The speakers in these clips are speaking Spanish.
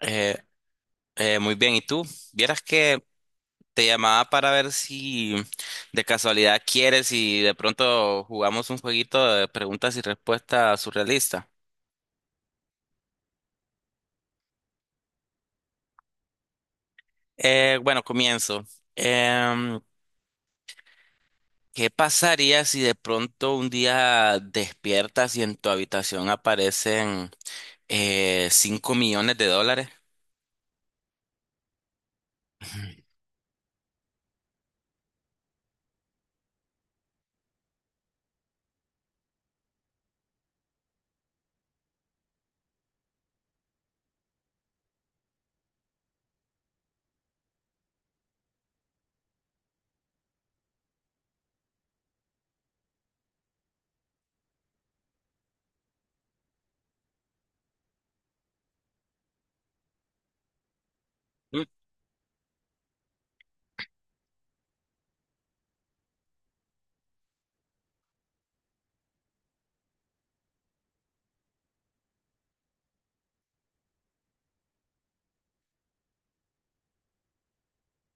Eh, muy bien, ¿y tú? Vieras que te llamaba para ver si de casualidad quieres y de pronto jugamos un jueguito de preguntas y respuestas surrealista. Bueno, comienzo. Em, ¿Qué pasaría si de pronto un día despiertas y en tu habitación aparecen 5 millones de dólares?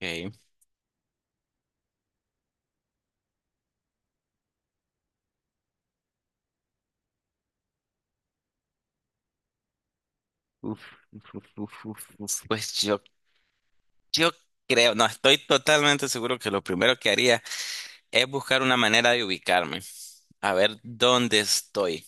Okay. Uf, uf, uf, uf, uf, uf. Pues yo creo, no, estoy totalmente seguro que lo primero que haría es buscar una manera de ubicarme, a ver dónde estoy.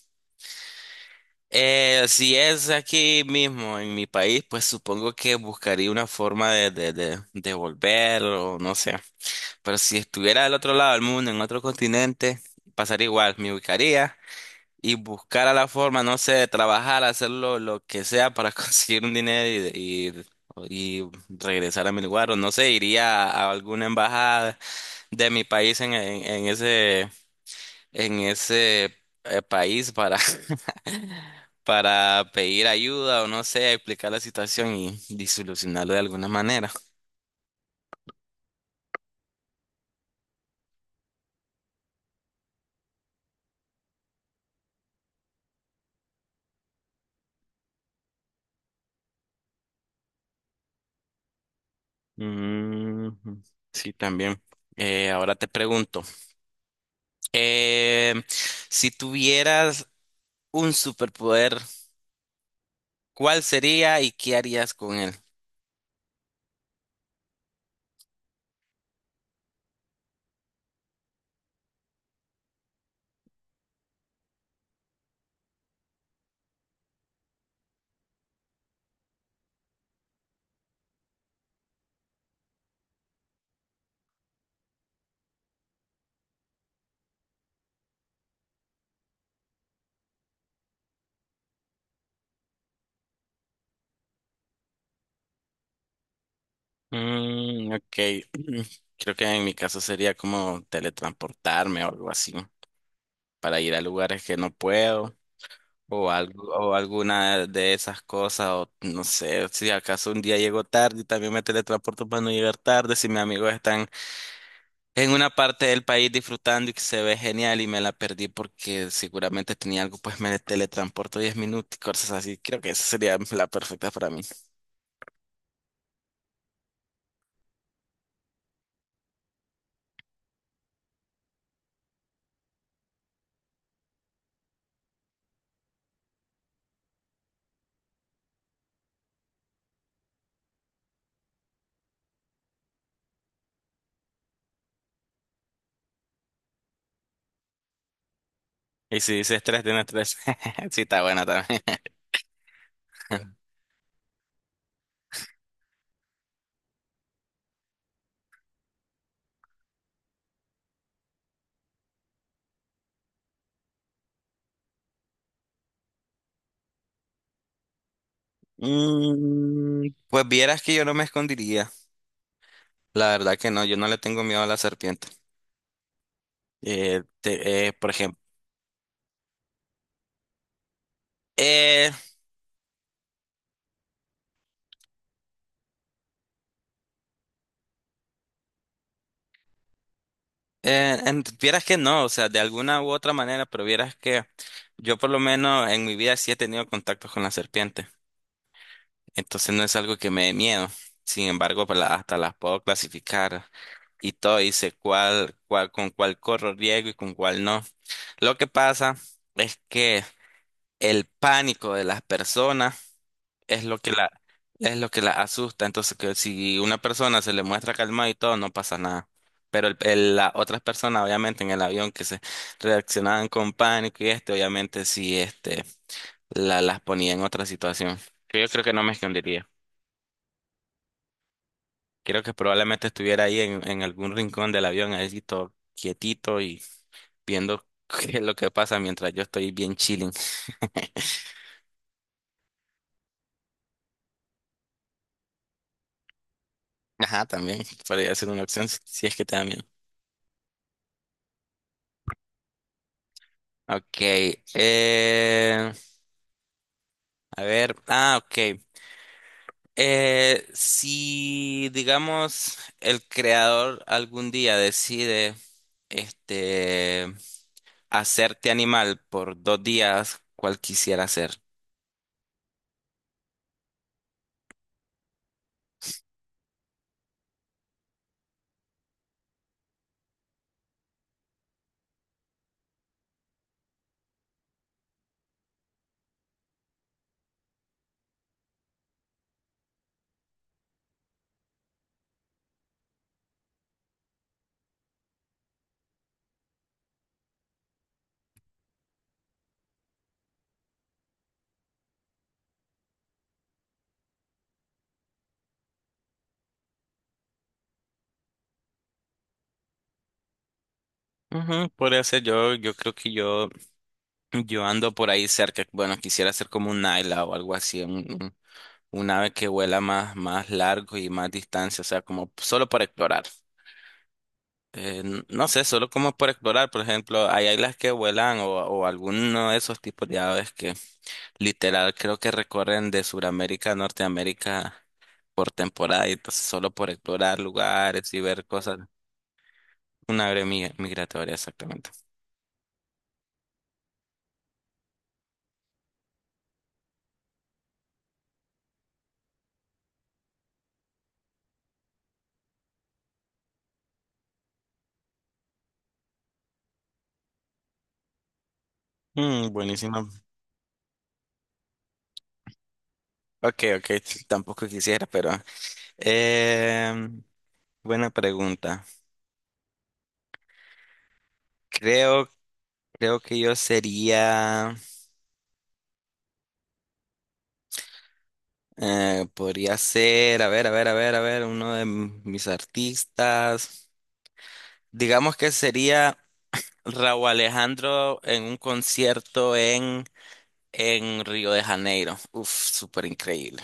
Si es aquí mismo en mi país, pues supongo que buscaría una forma de volver o no sé. Pero si estuviera del otro lado del mundo, en otro continente, pasaría igual, me ubicaría y buscara la forma, no sé, de trabajar, hacer lo que sea para conseguir un dinero y regresar a mi lugar o no sé, iría a alguna embajada de mi país en ese en ese país para, para pedir ayuda o no sé, explicar la situación y, de alguna manera. Mm, sí, también. Ahora te pregunto, eh, si tuvieras un superpoder, ¿cuál sería y qué harías con él? Mm, ok, creo que en mi caso sería como teletransportarme o algo así, para ir a lugares que no puedo. O algo, o alguna de esas cosas, o no sé, si acaso un día llego tarde y también me teletransporto para no llegar tarde, si mis amigos están en una parte del país disfrutando y que se ve genial y me la perdí porque seguramente tenía algo, pues me teletransporto diez minutos y cosas así. Creo que esa sería la perfecta para mí. Y si dices tres, tienes tres. Sí, está buena también. Mm, pues vieras que yo no me escondiría. La verdad que no, yo no le tengo miedo a la serpiente. Por ejemplo, eh, vieras que no, o sea, de alguna u otra manera, pero vieras que yo por lo menos en mi vida sí he tenido contactos con la serpiente. Entonces no es algo que me dé miedo. Sin embargo, pues, hasta las puedo clasificar y todo, y sé cuál, con cuál corro riesgo y con cuál no. Lo que pasa es que el pánico de las personas es lo que es lo que la asusta. Entonces, que si una persona se le muestra calmada y todo, no pasa nada. Pero las otras personas, obviamente, en el avión que se reaccionaban con pánico y este, obviamente, sí, este, las ponía en otra situación. Que yo creo que no me escondería. Creo que probablemente estuviera ahí en algún rincón del avión, ahí sí, todo quietito y viendo qué es lo que pasa mientras yo estoy bien chilling. Ajá, también podría ser una opción si es que te da miedo. Ok, eh, a ver, ok. Si, digamos, el creador algún día decide, este, hacerte animal por dos días, ¿cuál quisiera ser? Ujú, podría ser yo, creo que yo ando por ahí cerca, bueno, quisiera ser como un Naila o algo así, un ave que vuela más, más largo y más distancia, o sea, como solo para explorar. No sé, solo como por explorar, por ejemplo, hay águilas que vuelan o alguno de esos tipos de aves que literal creo que recorren de Sudamérica a Norteamérica por temporada y entonces solo por explorar lugares y ver cosas. Una ave migratoria, exactamente. Mm, buenísimo. Ok, ok, tampoco quisiera, pero... em, buena pregunta. Creo, Creo que yo sería... Podría ser, a ver, a ver, a ver, a ver, uno de mis artistas. Digamos que sería Raúl Alejandro en un concierto en Río de Janeiro. Uf, súper increíble.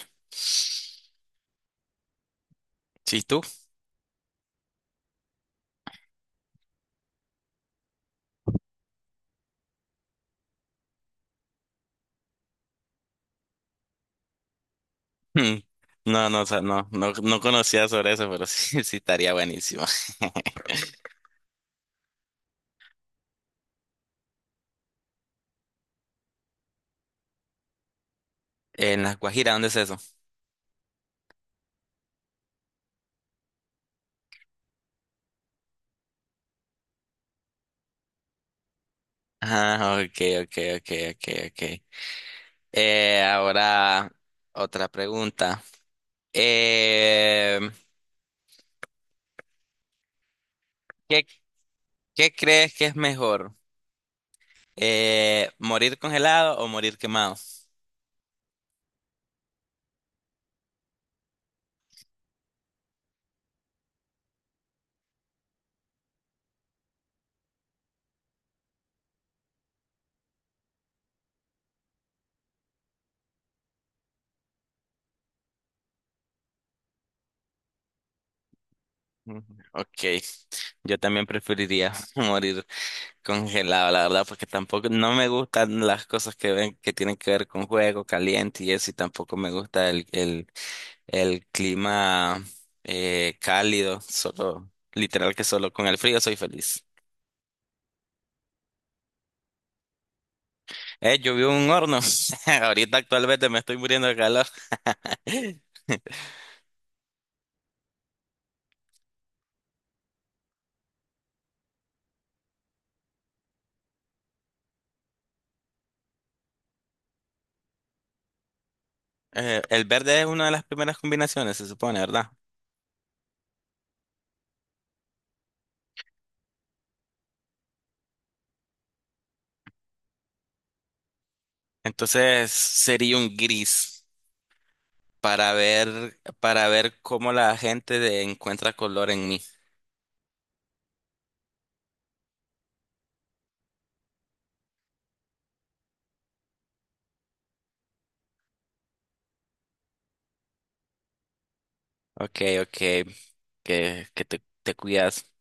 ¿Sí tú? Hmm. No, no, o sea, no, no, no conocía sobre eso, pero sí, sí estaría buenísimo. En La Guajira, ¿dónde es eso? Ah, ok, ok, ok, ok, ok. Ahora otra pregunta. Eh, ¿Qué crees que es mejor? ¿Morir congelado o morir quemado? Mm, ok, yo también preferiría morir congelado, la verdad, porque tampoco no me gustan las cosas que ven que tienen que ver con juego caliente y eso, y tampoco me gusta el clima cálido, solo, literal que solo con el frío soy feliz. Yo vivo en un horno, ahorita actualmente me estoy muriendo de calor. El verde es una de las primeras combinaciones, se supone, ¿verdad? Entonces sería un gris para ver cómo la gente encuentra color en mí. Ok, ok, que, te cuidas.